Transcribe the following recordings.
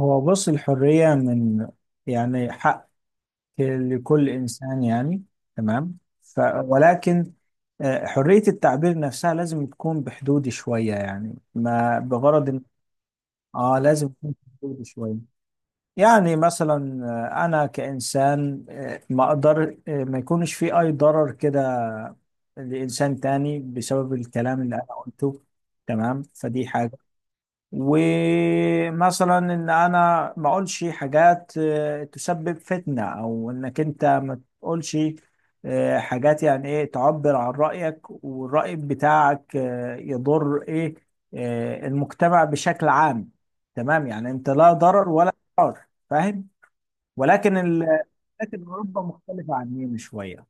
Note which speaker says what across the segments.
Speaker 1: هو بص، الحرية من يعني حق لكل إنسان، يعني تمام. ولكن حرية التعبير نفسها لازم تكون بحدود شوية، يعني ما بغرض إن لازم تكون بحدود شوية. يعني مثلا أنا كإنسان، ما أقدر، ما يكونش في أي ضرر كده لإنسان تاني بسبب الكلام اللي أنا قلته. تمام، فدي حاجة. ومثلا ان انا ما اقولش حاجات تسبب فتنة، او انك انت ما تقولش حاجات، يعني ايه، تعبر عن رأيك والرأي بتاعك يضر ايه، المجتمع بشكل عام. تمام، يعني انت لا ضرر ولا ضرار، فاهم؟ ولكن ال... لكن اوروبا مختلفة عننا شوية.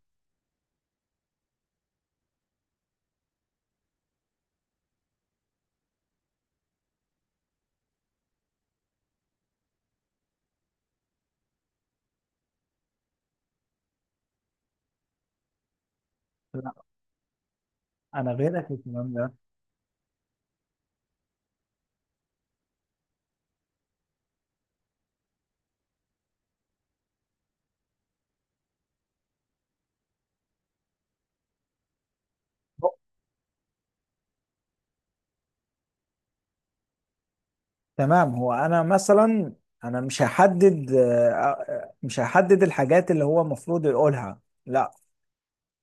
Speaker 1: لا، انا غيرك في الكلام ده. تمام، هو انا مثلا انا مش هحدد آه، آه، مش هحدد الحاجات اللي هو المفروض يقولها. لا،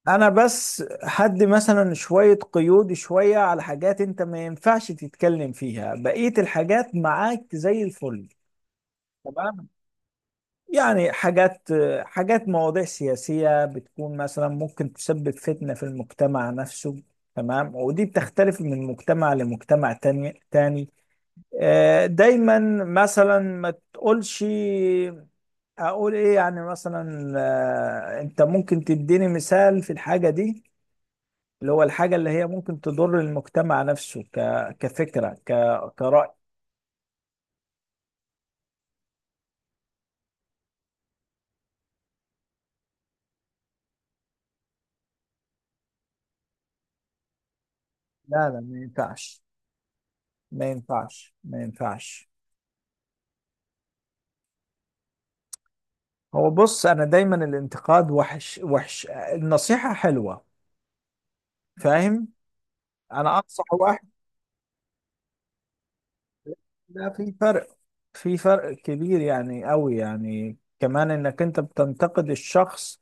Speaker 1: انا بس حد مثلا شوية قيود شوية على حاجات انت ما ينفعش تتكلم فيها، بقية الحاجات معاك زي الفل. تمام، يعني حاجات مواضيع سياسية بتكون مثلا ممكن تسبب فتنة في المجتمع نفسه. تمام، ودي بتختلف من مجتمع لمجتمع تاني تاني. دايما مثلا ما تقولش، اقول ايه يعني مثلا. انت ممكن تديني مثال في الحاجة دي، اللي هو الحاجة اللي هي ممكن تضر المجتمع نفسه كفكرة، كرأي. لا لا، ما ينفعش ما ينفعش ما ينفعش. هو بص، انا دايما الانتقاد وحش وحش، النصيحة حلوة، فاهم؟ انا انصح واحد. لا، في فرق كبير، يعني قوي، يعني كمان انك انت بتنتقد الشخص.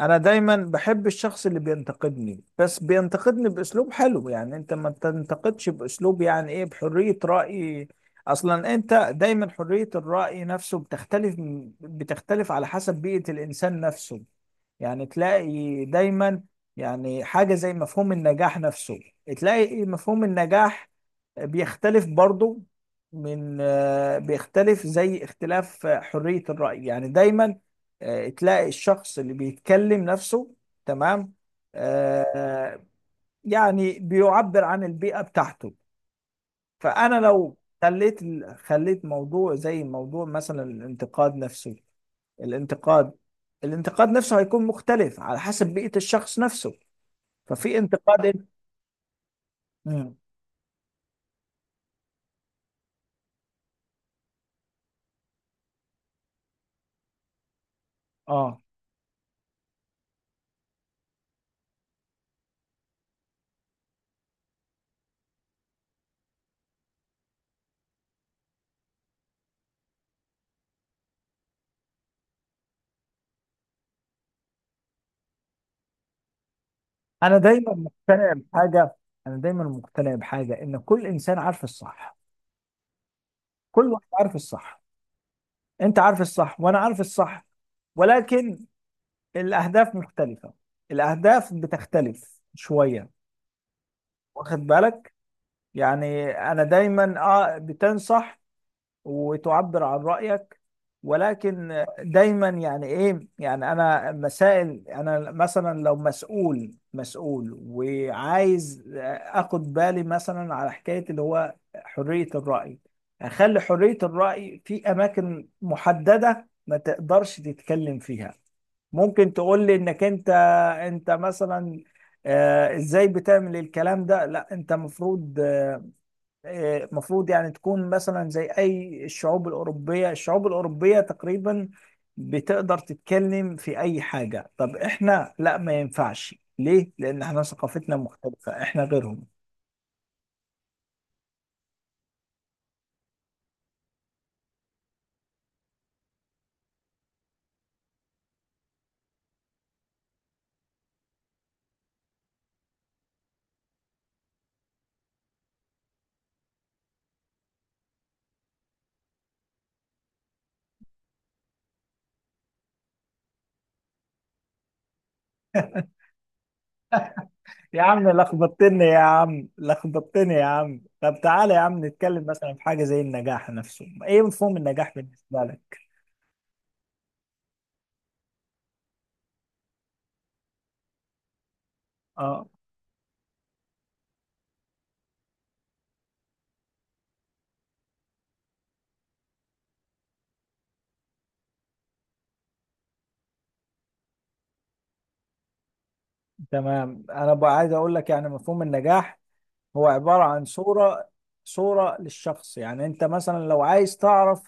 Speaker 1: انا دايما بحب الشخص اللي بينتقدني، بس بينتقدني باسلوب حلو، يعني انت ما تنتقدش باسلوب، يعني ايه، بحرية رأي. اصلا انت دايما حرية الرأي نفسه بتختلف على حسب بيئة الانسان نفسه. يعني تلاقي دايما يعني حاجة زي مفهوم النجاح نفسه. تلاقي مفهوم النجاح بيختلف برضه من آه، بيختلف زي اختلاف حرية الرأي، يعني دايما تلاقي الشخص اللي بيتكلم نفسه. تمام. آه، يعني بيعبر عن البيئة بتاعته. فأنا لو خليت موضوع زي موضوع مثلا الانتقاد نفسه، الانتقاد الانتقاد نفسه هيكون مختلف على حسب بيئة الشخص نفسه. ففي انتقاد. مم. اه. انا دايما مقتنع بحاجة انا دايما مقتنع بحاجة ان كل انسان عارف الصح، كل واحد عارف الصح، انت عارف الصح وانا عارف الصح، ولكن الاهداف مختلفة، الاهداف بتختلف شوية، واخد بالك؟ يعني انا دايما بتنصح وتعبر عن رأيك، ولكن دايما يعني ايه، يعني انا مسائل، انا مثلا لو مسؤول مسؤول وعايز اخد بالي مثلا على حكاية اللي هو حرية الرأي، اخلي حرية الرأي في اماكن محددة ما تقدرش تتكلم فيها. ممكن تقول لي انك انت مثلا ازاي بتعمل الكلام ده. لا، انت مفروض، المفروض يعني تكون مثلا زي اي الشعوب الاوروبيه تقريبا بتقدر تتكلم في اي حاجه. طب احنا لا، ما ينفعش ليه؟ لان احنا ثقافتنا مختلفه، احنا غيرهم. يا عم لخبطتني، يا عم لخبطتني يا عم. طب تعالى يا عم نتكلم مثلا في حاجه زي النجاح نفسه. ايه مفهوم النجاح بالنسبه لك؟ اه، تمام. انا بقى عايز اقول لك يعني مفهوم النجاح هو عبارة عن صورة للشخص. يعني انت مثلا لو عايز تعرف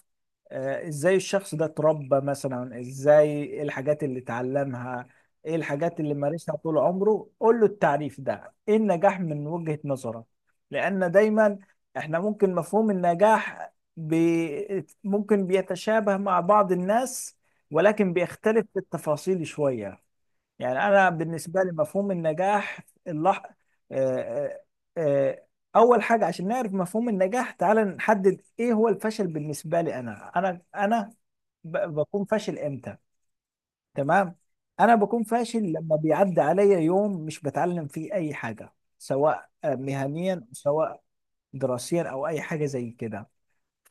Speaker 1: ازاي الشخص ده اتربى مثلا، ازاي ايه الحاجات اللي اتعلمها، ايه الحاجات اللي مارسها طول عمره، قول له التعريف ده، ايه النجاح من وجهة نظرك؟ لان دايما احنا ممكن مفهوم النجاح ممكن بيتشابه مع بعض الناس، ولكن بيختلف في التفاصيل شوية. يعني انا بالنسبه لي مفهوم النجاح اللح... آه، آه، آه، اول حاجه عشان نعرف مفهوم النجاح، تعال نحدد ايه هو الفشل بالنسبه لي. انا بكون فاشل امتى؟ تمام. انا بكون فاشل لما بيعدي عليا يوم مش بتعلم فيه اي حاجه، سواء مهنيا سواء دراسيا، او اي حاجه زي كده.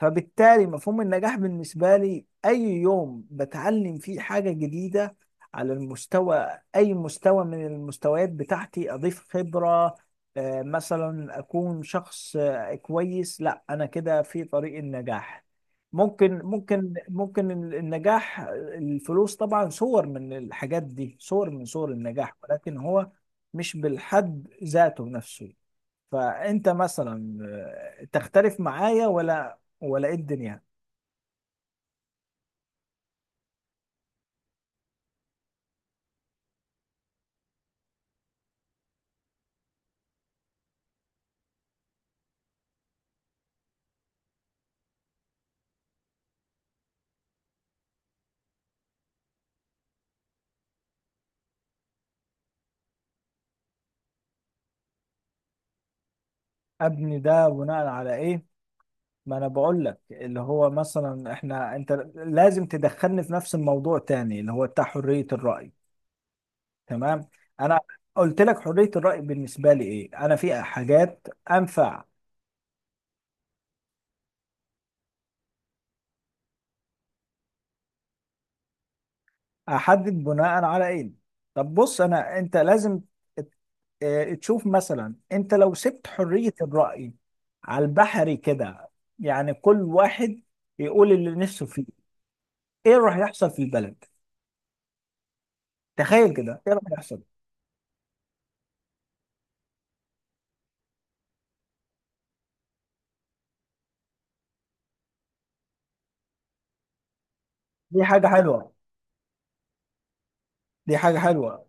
Speaker 1: فبالتالي مفهوم النجاح بالنسبة لي أي يوم بتعلم فيه حاجة جديدة على المستوى، أي مستوى من المستويات بتاعتي، أضيف خبرة، مثلا أكون شخص كويس. لا، أنا كده في طريق النجاح. ممكن النجاح، الفلوس طبعا صور من الحاجات دي، صور من صور النجاح، ولكن هو مش بالحد ذاته نفسه. فانت مثلا تختلف معايا ولا ايه الدنيا؟ ابني ده بناء على ايه؟ ما انا بقول لك اللي هو مثلا احنا، انت لازم تدخلني في نفس الموضوع تاني اللي هو بتاع حرية الرأي. تمام. انا قلت لك حرية الرأي بالنسبة لي ايه، انا في حاجات انفع. احدد بناء على ايه؟ طب بص، انا انت لازم تشوف مثلا. انت لو سبت حرية الرأي على البحري كده، يعني كل واحد يقول اللي نفسه فيه، ايه راح يحصل في البلد؟ تخيل كده ايه راح يحصل. دي حاجة حلوة، دي حاجة حلوة.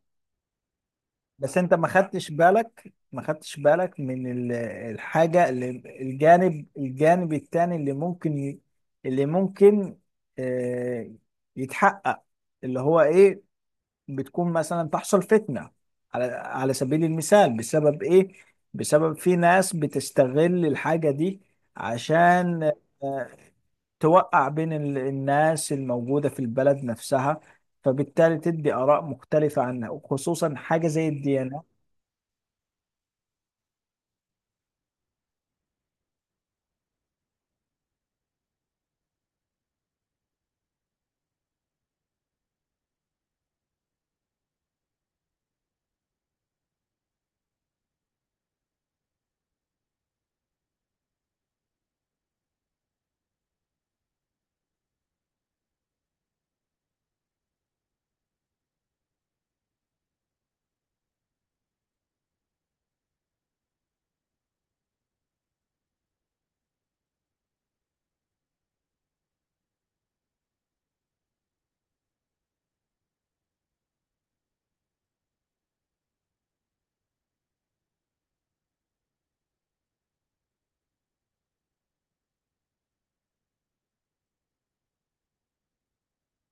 Speaker 1: بس انت ما خدتش بالك، ما خدتش بالك الحاجة اللي، الجانب التاني اللي ممكن اللي ممكن آه، يتحقق، اللي هو ايه. بتكون مثلا تحصل فتنة، على سبيل المثال، بسبب ايه؟ بسبب في ناس بتستغل الحاجة دي، عشان آه، توقع بين الناس الموجودة في البلد نفسها، فبالتالي تدي آراء مختلفة عنها، وخصوصا حاجة زي الديانة.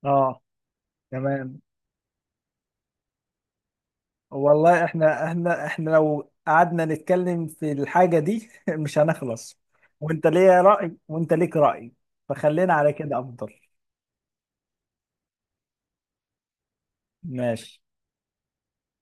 Speaker 1: اه، تمام. والله احنا، احنا لو قعدنا نتكلم في الحاجة دي مش هنخلص. وانت ليه رأي وانت ليك رأي. فخلينا على كده افضل. ماشي.